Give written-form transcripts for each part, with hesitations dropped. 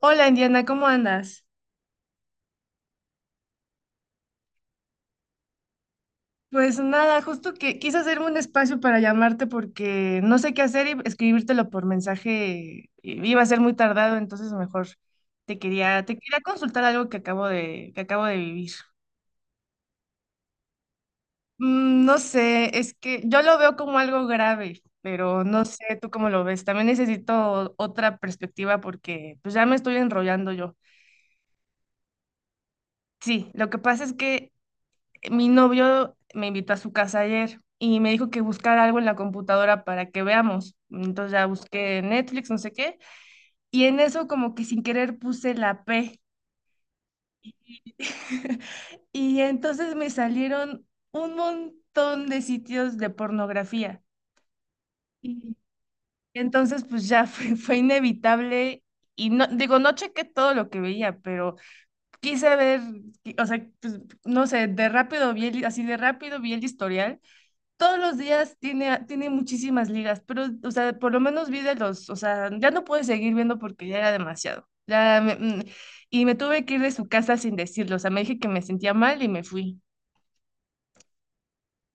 Hola Indiana, ¿cómo andas? Pues nada, justo que quise hacerme un espacio para llamarte porque no sé qué hacer y escribírtelo por mensaje iba a ser muy tardado, entonces mejor te quería consultar algo que acabo de vivir. No sé, es que yo lo veo como algo grave, pero no sé tú cómo lo ves. También necesito otra perspectiva porque pues ya me estoy enrollando yo. Sí, lo que pasa es que mi novio me invitó a su casa ayer y me dijo que buscara algo en la computadora para que veamos. Entonces ya busqué Netflix, no sé qué, y en eso como que sin querer puse la P. Y entonces me salieron un montón de sitios de pornografía. Y entonces pues ya fue inevitable y no, digo, no chequé todo lo que veía, pero quise ver, o sea, pues, no sé, de rápido así de rápido vi el historial. Todos los días tiene muchísimas ligas, pero, o sea, por lo menos vi de los, o sea, ya no pude seguir viendo porque ya era demasiado. Y me tuve que ir de su casa sin decirlo, o sea, me dije que me sentía mal y me fui.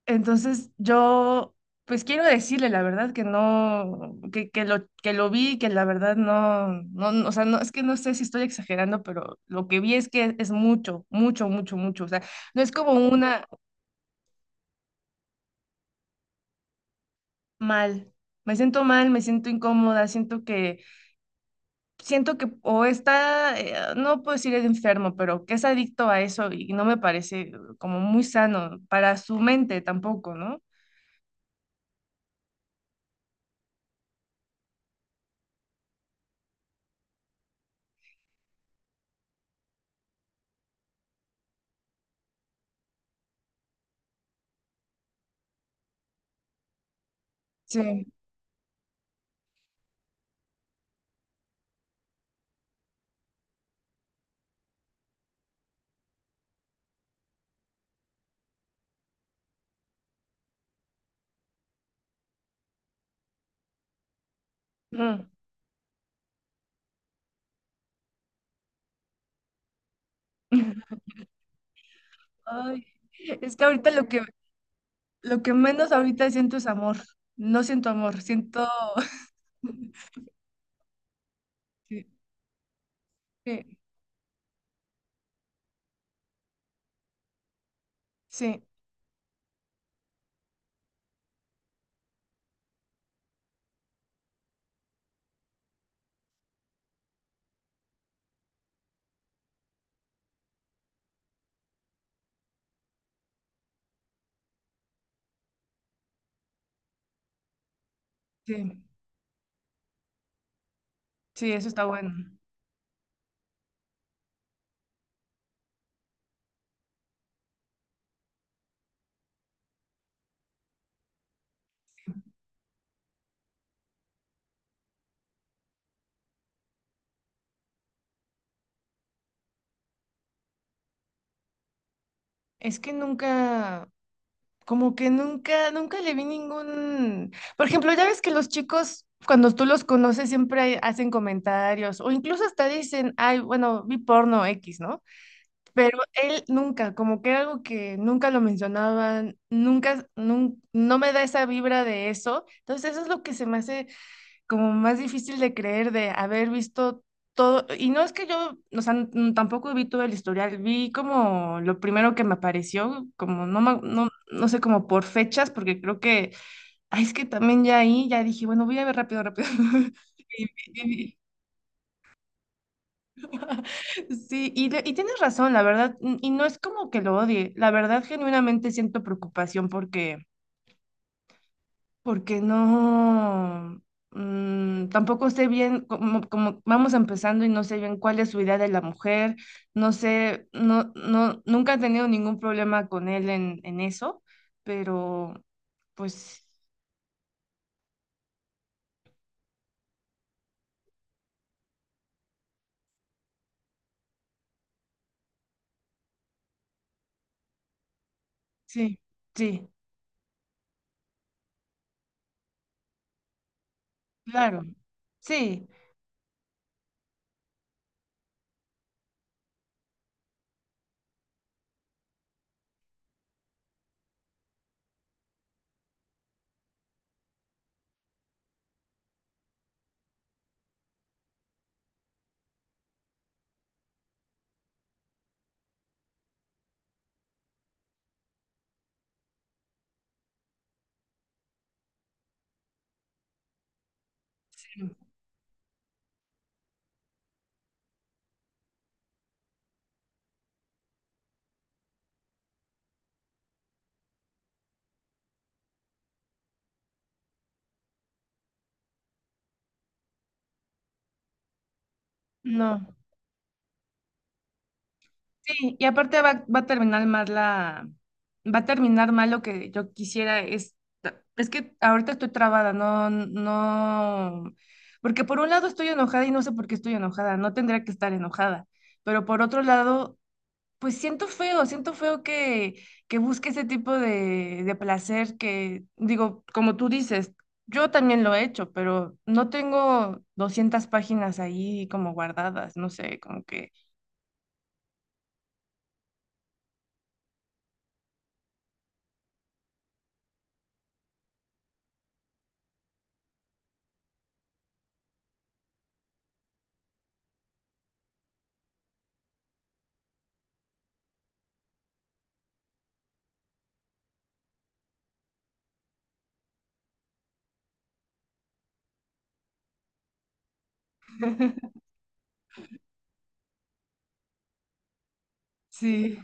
Entonces yo, pues quiero decirle la verdad, que no, que lo vi, que la verdad o sea, no, es que no sé si estoy exagerando, pero lo que vi es que es mucho, mucho, mucho, mucho, o sea, no es como una mal. Me siento mal, me siento incómoda, siento que o está, no puedo decir enfermo, pero que es adicto a eso y no me parece como muy sano para su mente tampoco, ¿no? Sí. Mm. Ay, es que lo que menos ahorita siento es amor. No siento amor, siento... Sí, sí, sí, sí, sí, eso está bueno. Es que nunca... como que nunca, por ejemplo, ya ves que los chicos, cuando tú los conoces, siempre hacen comentarios o incluso hasta dicen, ay, bueno, vi porno X, ¿no? Pero él nunca, como que era algo que nunca lo mencionaban, nunca, nun- no me da esa vibra de eso. Entonces, eso es lo que se me hace como más difícil de creer de haber visto todo, y no es que yo, o sea, tampoco vi todo el historial, vi como lo primero que me apareció, como no, no sé, como por fechas, porque creo que, ay, es que también ya ahí, ya dije, bueno, voy a ver rápido, rápido. Y- y- y- Sí, y, y tienes razón, la verdad, y no es como que lo odie, la verdad genuinamente siento preocupación porque porque no, tampoco sé bien cómo, vamos empezando y no sé bien cuál es su idea de la mujer, no sé, no, no, nunca he tenido ningún problema con él en eso, pero pues sí, sí, claro, sí, no. Sí, y aparte va a terminar mal va a terminar mal. Lo que yo quisiera es que ahorita estoy trabada, no, no, porque por un lado estoy enojada y no sé por qué estoy enojada, no tendría que estar enojada, pero por otro lado, pues siento feo que busque ese tipo de placer que, digo, como tú dices, yo también lo he hecho, pero no tengo 200 páginas ahí como guardadas, no sé, como que... Sí.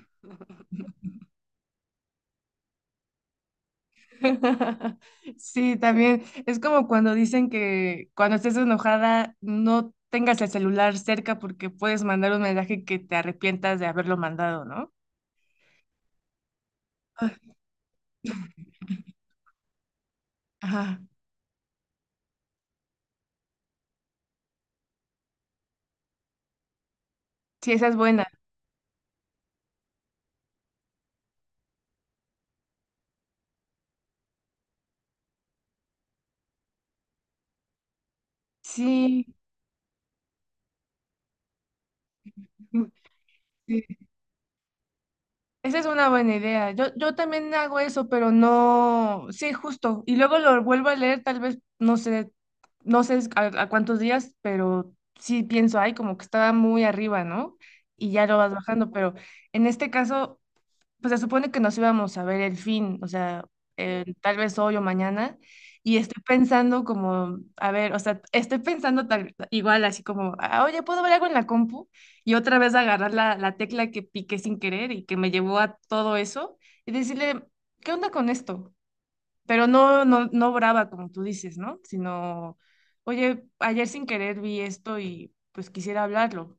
Sí, también es como cuando dicen que cuando estés enojada no tengas el celular cerca porque puedes mandar un mensaje que te arrepientas de haberlo mandado, ¿no? Ay, ajá. Sí, esa es buena. Sí, mm, sí, esa es una buena idea. Yo también hago eso, pero no, sí, justo. Y luego lo vuelvo a leer, tal vez, no sé, no sé a cuántos días, pero sí pienso, ay, como que estaba muy arriba, ¿no? Y ya lo vas bajando, pero en este caso pues se supone que nos íbamos a ver el fin, o sea, tal vez hoy o mañana, y estoy pensando como, a ver, o sea, estoy pensando tal, igual así como, "Ah, oye, ¿puedo ver algo en la compu? Y otra vez agarrar la tecla que piqué sin querer y que me llevó a todo eso, y decirle, ¿qué onda con esto? Pero no, no, no brava, como tú dices, ¿no? Sino, oye, ayer sin querer vi esto y pues quisiera hablarlo.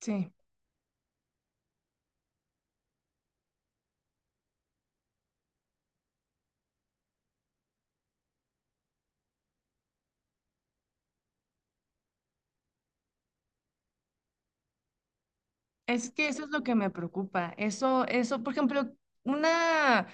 Sí. Es que eso es lo que me preocupa. Eso, por ejemplo, una,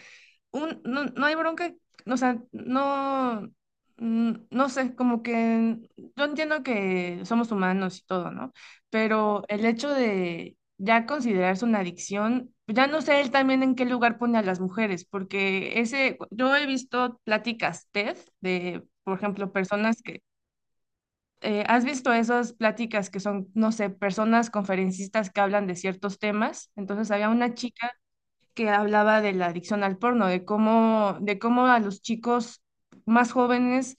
un, no, no hay bronca, o sea, no, no sé, como que yo entiendo que somos humanos y todo, ¿no? Pero el hecho de ya considerarse una adicción, ya no sé él también en qué lugar pone a las mujeres, porque ese, yo he visto pláticas TED de, por ejemplo, personas que ¿has visto esas pláticas que son, no sé, personas conferencistas que hablan de ciertos temas? Entonces había una chica que hablaba de la adicción al porno, de cómo a los chicos más jóvenes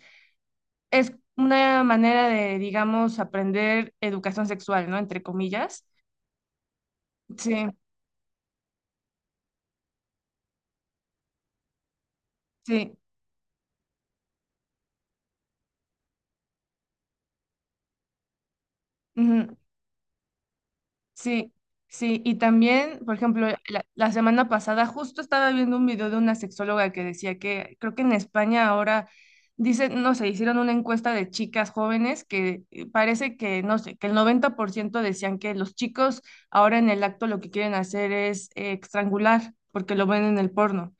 es una manera de, digamos, aprender educación sexual, ¿no? Entre comillas. Sí, sí. Ujú. Sí, sí, y también, por ejemplo, la semana pasada justo estaba viendo un video de una sexóloga que decía que creo que en España ahora, dicen, no sé, hicieron una encuesta de chicas jóvenes que parece que, no sé, que el 90% decían que los chicos ahora en el acto lo que quieren hacer es estrangular porque lo ven en el porno.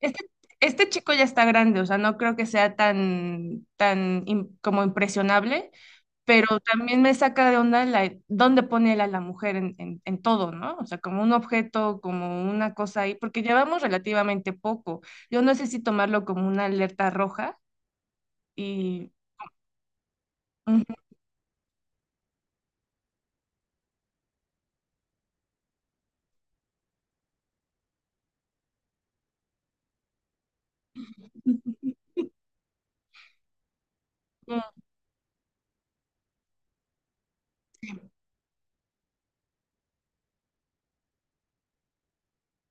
Este, este chico ya está grande, o sea, no creo que sea tan, como impresionable, pero también me saca de onda la, dónde pone él a la mujer en todo, ¿no? O sea, como un objeto, como una cosa ahí, porque llevamos relativamente poco. Yo no sé si tomarlo como una alerta roja y... Ujú.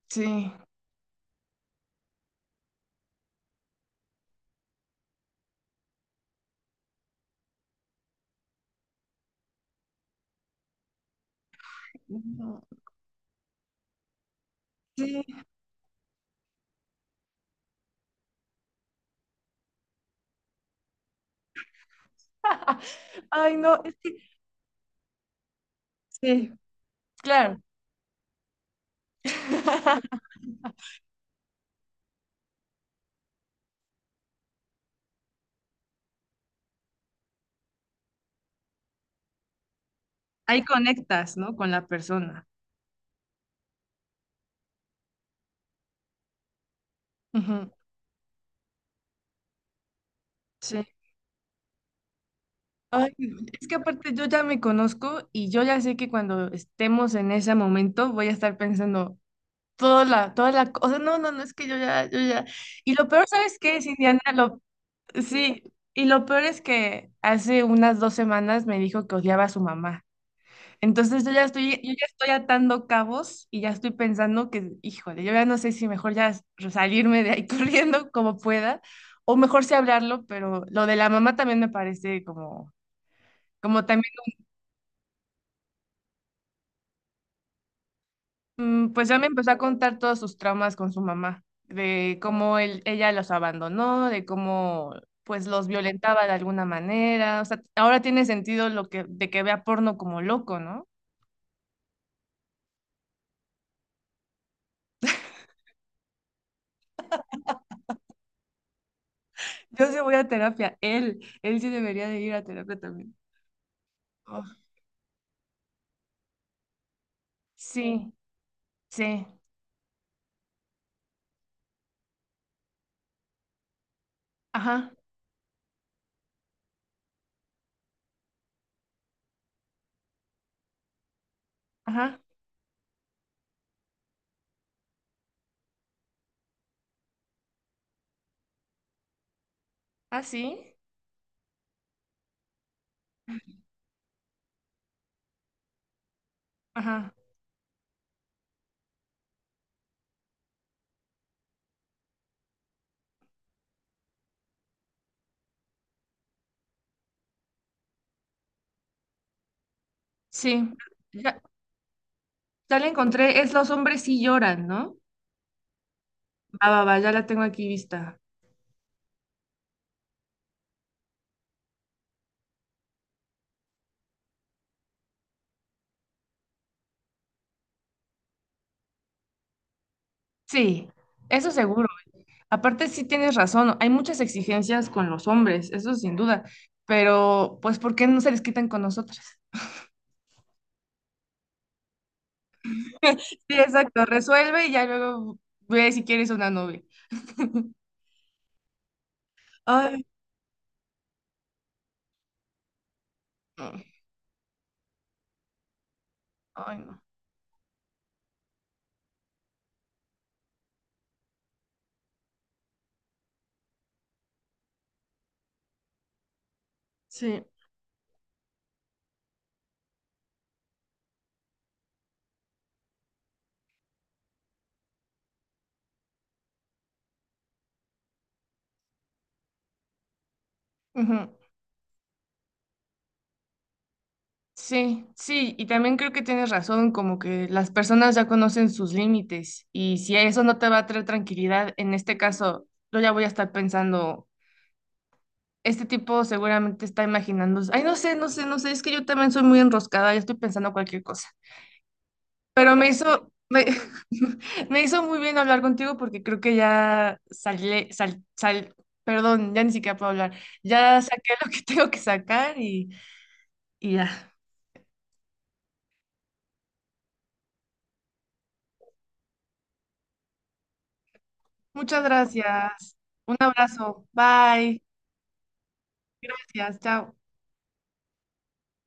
Sí. No, sí. Ay, no, es que sí. Claro, ahí conectas, ¿no? Con la persona. Ujú. Sí. Ay, es que aparte yo ya me conozco y yo ya sé que cuando estemos en ese momento voy a estar pensando toda la cosa. No, no, no, es que yo ya, yo ya. Y lo peor, ¿sabes qué es, Indiana? Lo, sí, y lo peor es que hace unas 2 semanas me dijo que odiaba a su mamá. Entonces yo ya estoy atando cabos y ya estoy pensando que, híjole, yo ya no sé si mejor ya salirme de ahí corriendo como pueda, o mejor sí hablarlo, pero lo de la mamá también me parece como. Como también mm, pues ya me empezó a contar todos sus traumas con su mamá, ella los abandonó, de cómo pues los violentaba de alguna manera. O sea, ahora tiene sentido lo que, de que vea porno como loco, ¿no? Yo sí voy a terapia, él sí debería de ir a terapia también. Oh, sí, sí, ajá, ajá, ah, sí, ajá, sí. Ya, ya la encontré, es Los hombres sí lloran, ¿no? Va, va, va, ya la tengo aquí vista. Sí, eso seguro. Aparte, sí tienes razón, hay muchas exigencias con los hombres, eso sin duda, pero pues ¿por qué no se les quitan con nosotras? Sí, exacto, resuelve y ya luego ve si quieres una novia. Ay, no, ay, no. Sí, ujú, sí, sí, y también creo que tienes razón, como que las personas ya conocen sus límites y si eso no te va a traer tranquilidad, en este caso, yo ya voy a estar pensando. Este tipo seguramente está imaginando, ay, no sé, no sé, no sé, es que yo también soy muy enroscada, ya estoy pensando cualquier cosa. Pero me hizo muy bien hablar contigo porque creo que ya salí, perdón, ya ni siquiera puedo hablar. Ya saqué lo que tengo que sacar y ya. Muchas gracias. Un abrazo. Bye. Gracias. Chao.